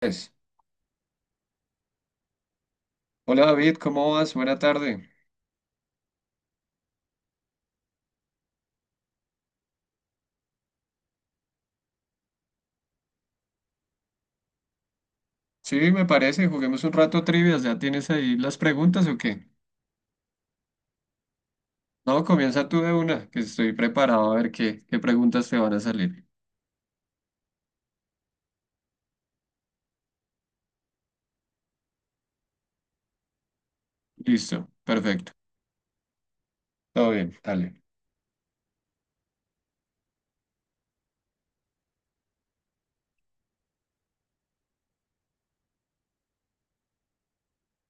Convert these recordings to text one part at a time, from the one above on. Pues, hola, David, ¿cómo vas? Buena tarde. Sí, me parece, juguemos un rato trivias. ¿Ya tienes ahí las preguntas o qué? No, comienza tú de una, que estoy preparado a ver qué preguntas te van a salir. Listo, perfecto. Todo bien, dale.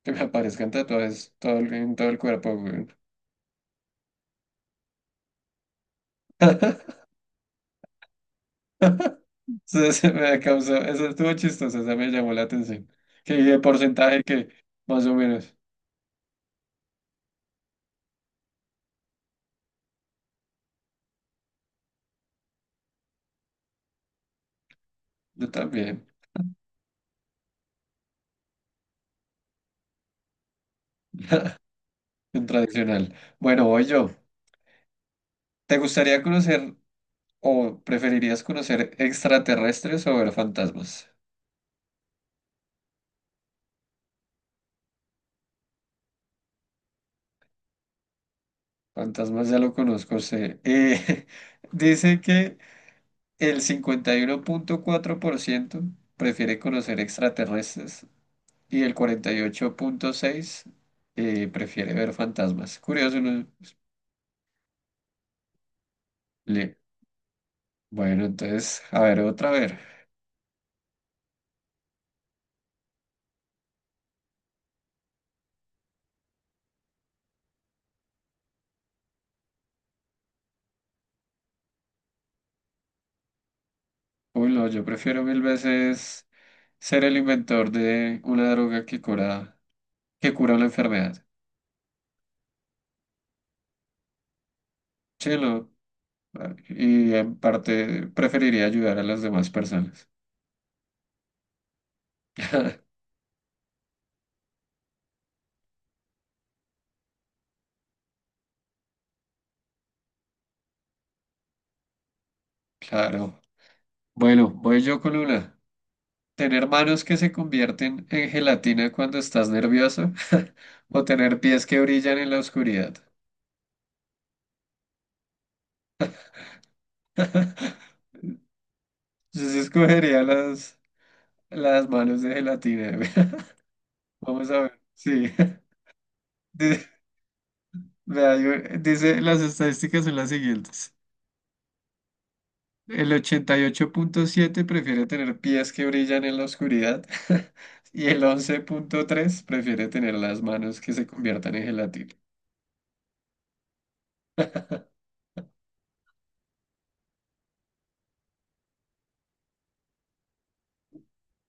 Que me aparezcan tatuajes en todo el cuerpo, güey. Se me causó, eso estuvo chistoso, esa me llamó la atención. Que dije porcentaje que más o menos. Yo también, en tradicional. Bueno, voy yo. ¿Te gustaría conocer ¿O preferirías conocer extraterrestres o ver fantasmas? Fantasmas ya lo conozco, sé. Dice que el 51.4% prefiere conocer extraterrestres y el 48.6% prefiere ver fantasmas. Curioso, ¿no? Le- Bueno, entonces, a ver, otra vez. Uy, no, yo prefiero mil veces ser el inventor de una droga que cura una enfermedad. Chelo. Y en parte preferiría ayudar a las demás personas. Claro. Bueno, voy yo con una. ¿Tener manos que se convierten en gelatina cuando estás nervioso? ¿O tener pies que brillan en la oscuridad? Yo sí escogería las manos de gelatina. Vamos a ver. Sí. Dice, vea, dice, las estadísticas son las siguientes. El 88.7 prefiere tener pies que brillan en la oscuridad y el 11.3 prefiere tener las manos que se conviertan en gelatina.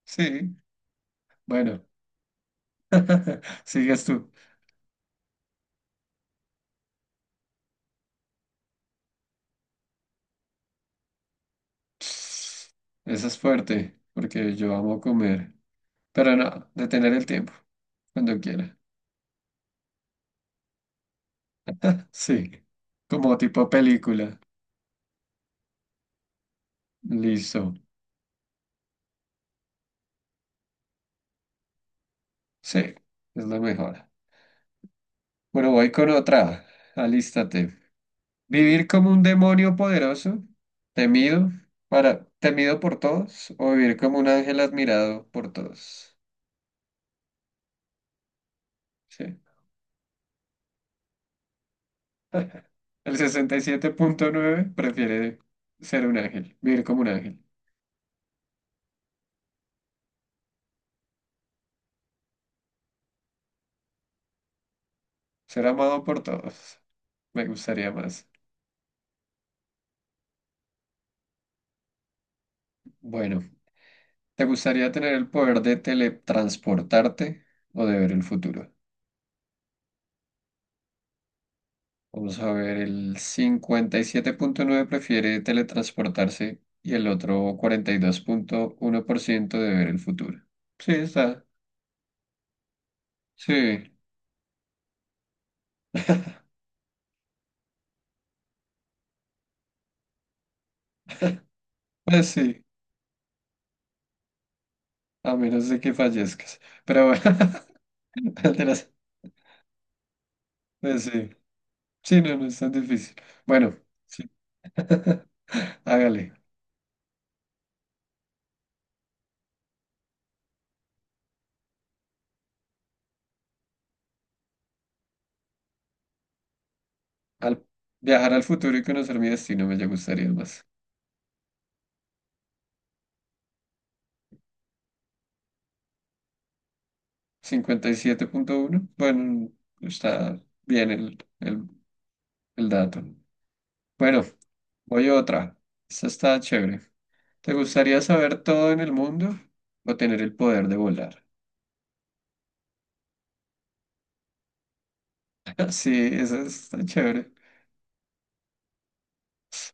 Sí, bueno, sigues tú. Esa es fuerte, porque yo amo comer, pero no, detener el tiempo, cuando quiera. Sí, como tipo película. Listo. Sí, es la mejor. Bueno, voy con otra. Alístate. ¿Vivir como un demonio poderoso, temido temido por todos, o vivir como un ángel admirado por todos? Sí. El 67.9 prefiere ser un ángel, vivir como un ángel, ser amado por todos. Me gustaría más. Bueno, ¿te gustaría tener el poder de teletransportarte o de ver el futuro? Vamos a ver, el 57.9 prefiere teletransportarse y el otro 42.1% de ver el futuro. Sí, está. Sí, pues sí, a menos de que fallezcas. Pero bueno, el de las- pues sí. Sí, no, no es tan difícil. Bueno, sí. Hágale. Al viajar al futuro y conocer mi destino me ya gustaría más. 57.1. Bueno, está bien el dato. Bueno, voy a otra. Esta está chévere. ¿Te gustaría saber todo en el mundo o tener el poder de volar? Sí, esa está chévere.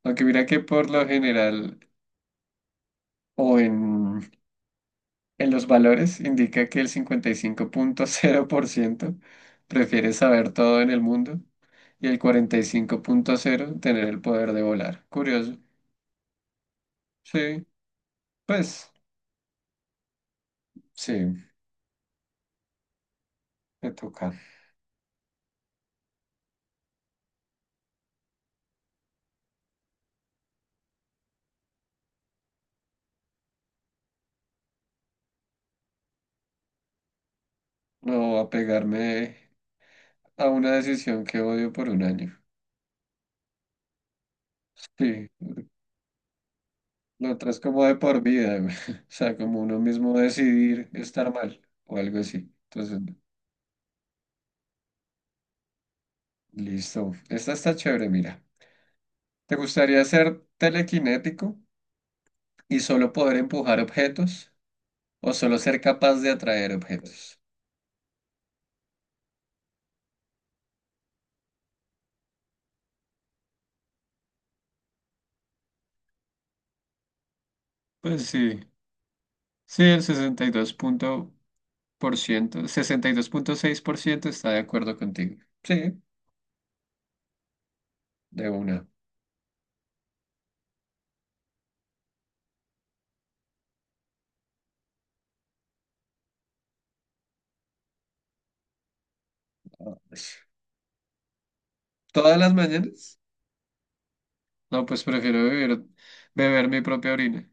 Aunque mira que por lo general o en los valores indica que el 55.0% prefiere saber todo en el mundo y el 45.0% tener el poder de volar. Curioso. Sí, pues sí, me toca. No apegarme a una decisión que odio por un año. Sí, lo otro es como de por vida, güey. O sea, como uno mismo decidir estar mal o algo así. Entonces, listo. Esta está chévere, mira. ¿Te gustaría ser telequinético y solo poder empujar objetos o solo ser capaz de atraer objetos? Pues sí, sí, el 62 punto por ciento, 62.6% está de acuerdo contigo. Sí, de una. Ah, pues, ¿todas las mañanas? No, pues prefiero beber mi propia orina.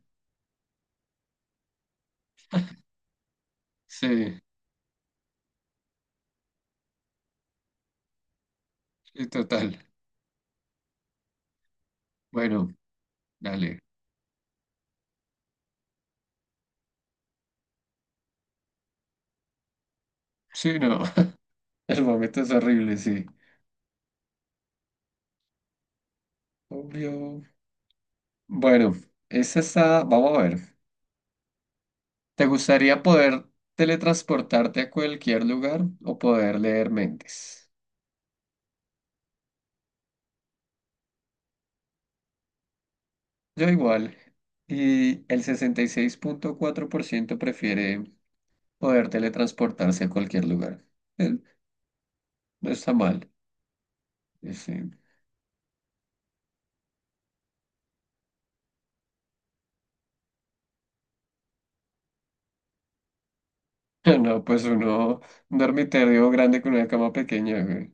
Sí. Sí, total. Bueno, dale. Sí, no. El momento es horrible, sí. Obvio. Bueno, esta está. Vamos a ver. ¿Te gustaría poder teletransportarte a cualquier lugar o poder leer mentes? Yo igual. Y el 66.4% prefiere poder teletransportarse a cualquier lugar. Eh, No está mal. Sí. No, pues un dormitorio grande con una cama pequeña, güey.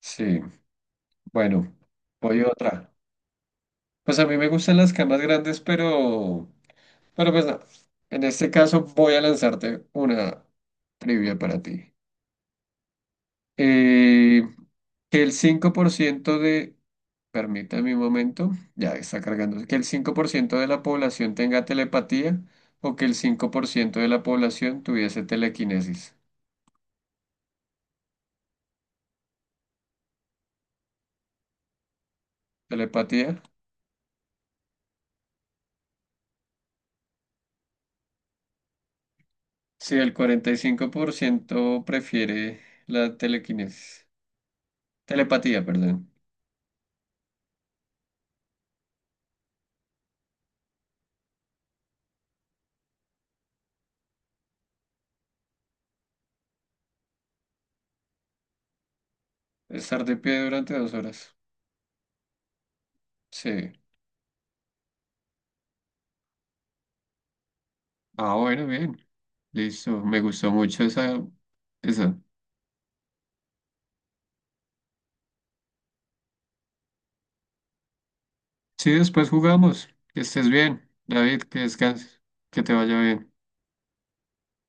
Sí. Bueno, voy otra. Pues a mí me gustan las camas grandes, pero pues no. En este caso voy a lanzarte una trivia para ti. Eh, que el 5% de, permítame un momento, ya está cargando, que el 5% de la población tenga telepatía o que el 5% de la población tuviese telequinesis. ¿Telepatía? Sí, el 45% prefiere la telequinesis. Telepatía, perdón. Estar de pie durante 2 horas. Sí. Ah, bueno, bien. Listo. Me gustó mucho esa. Sí, después jugamos. Que estés bien, David, que descanses. Que te vaya bien.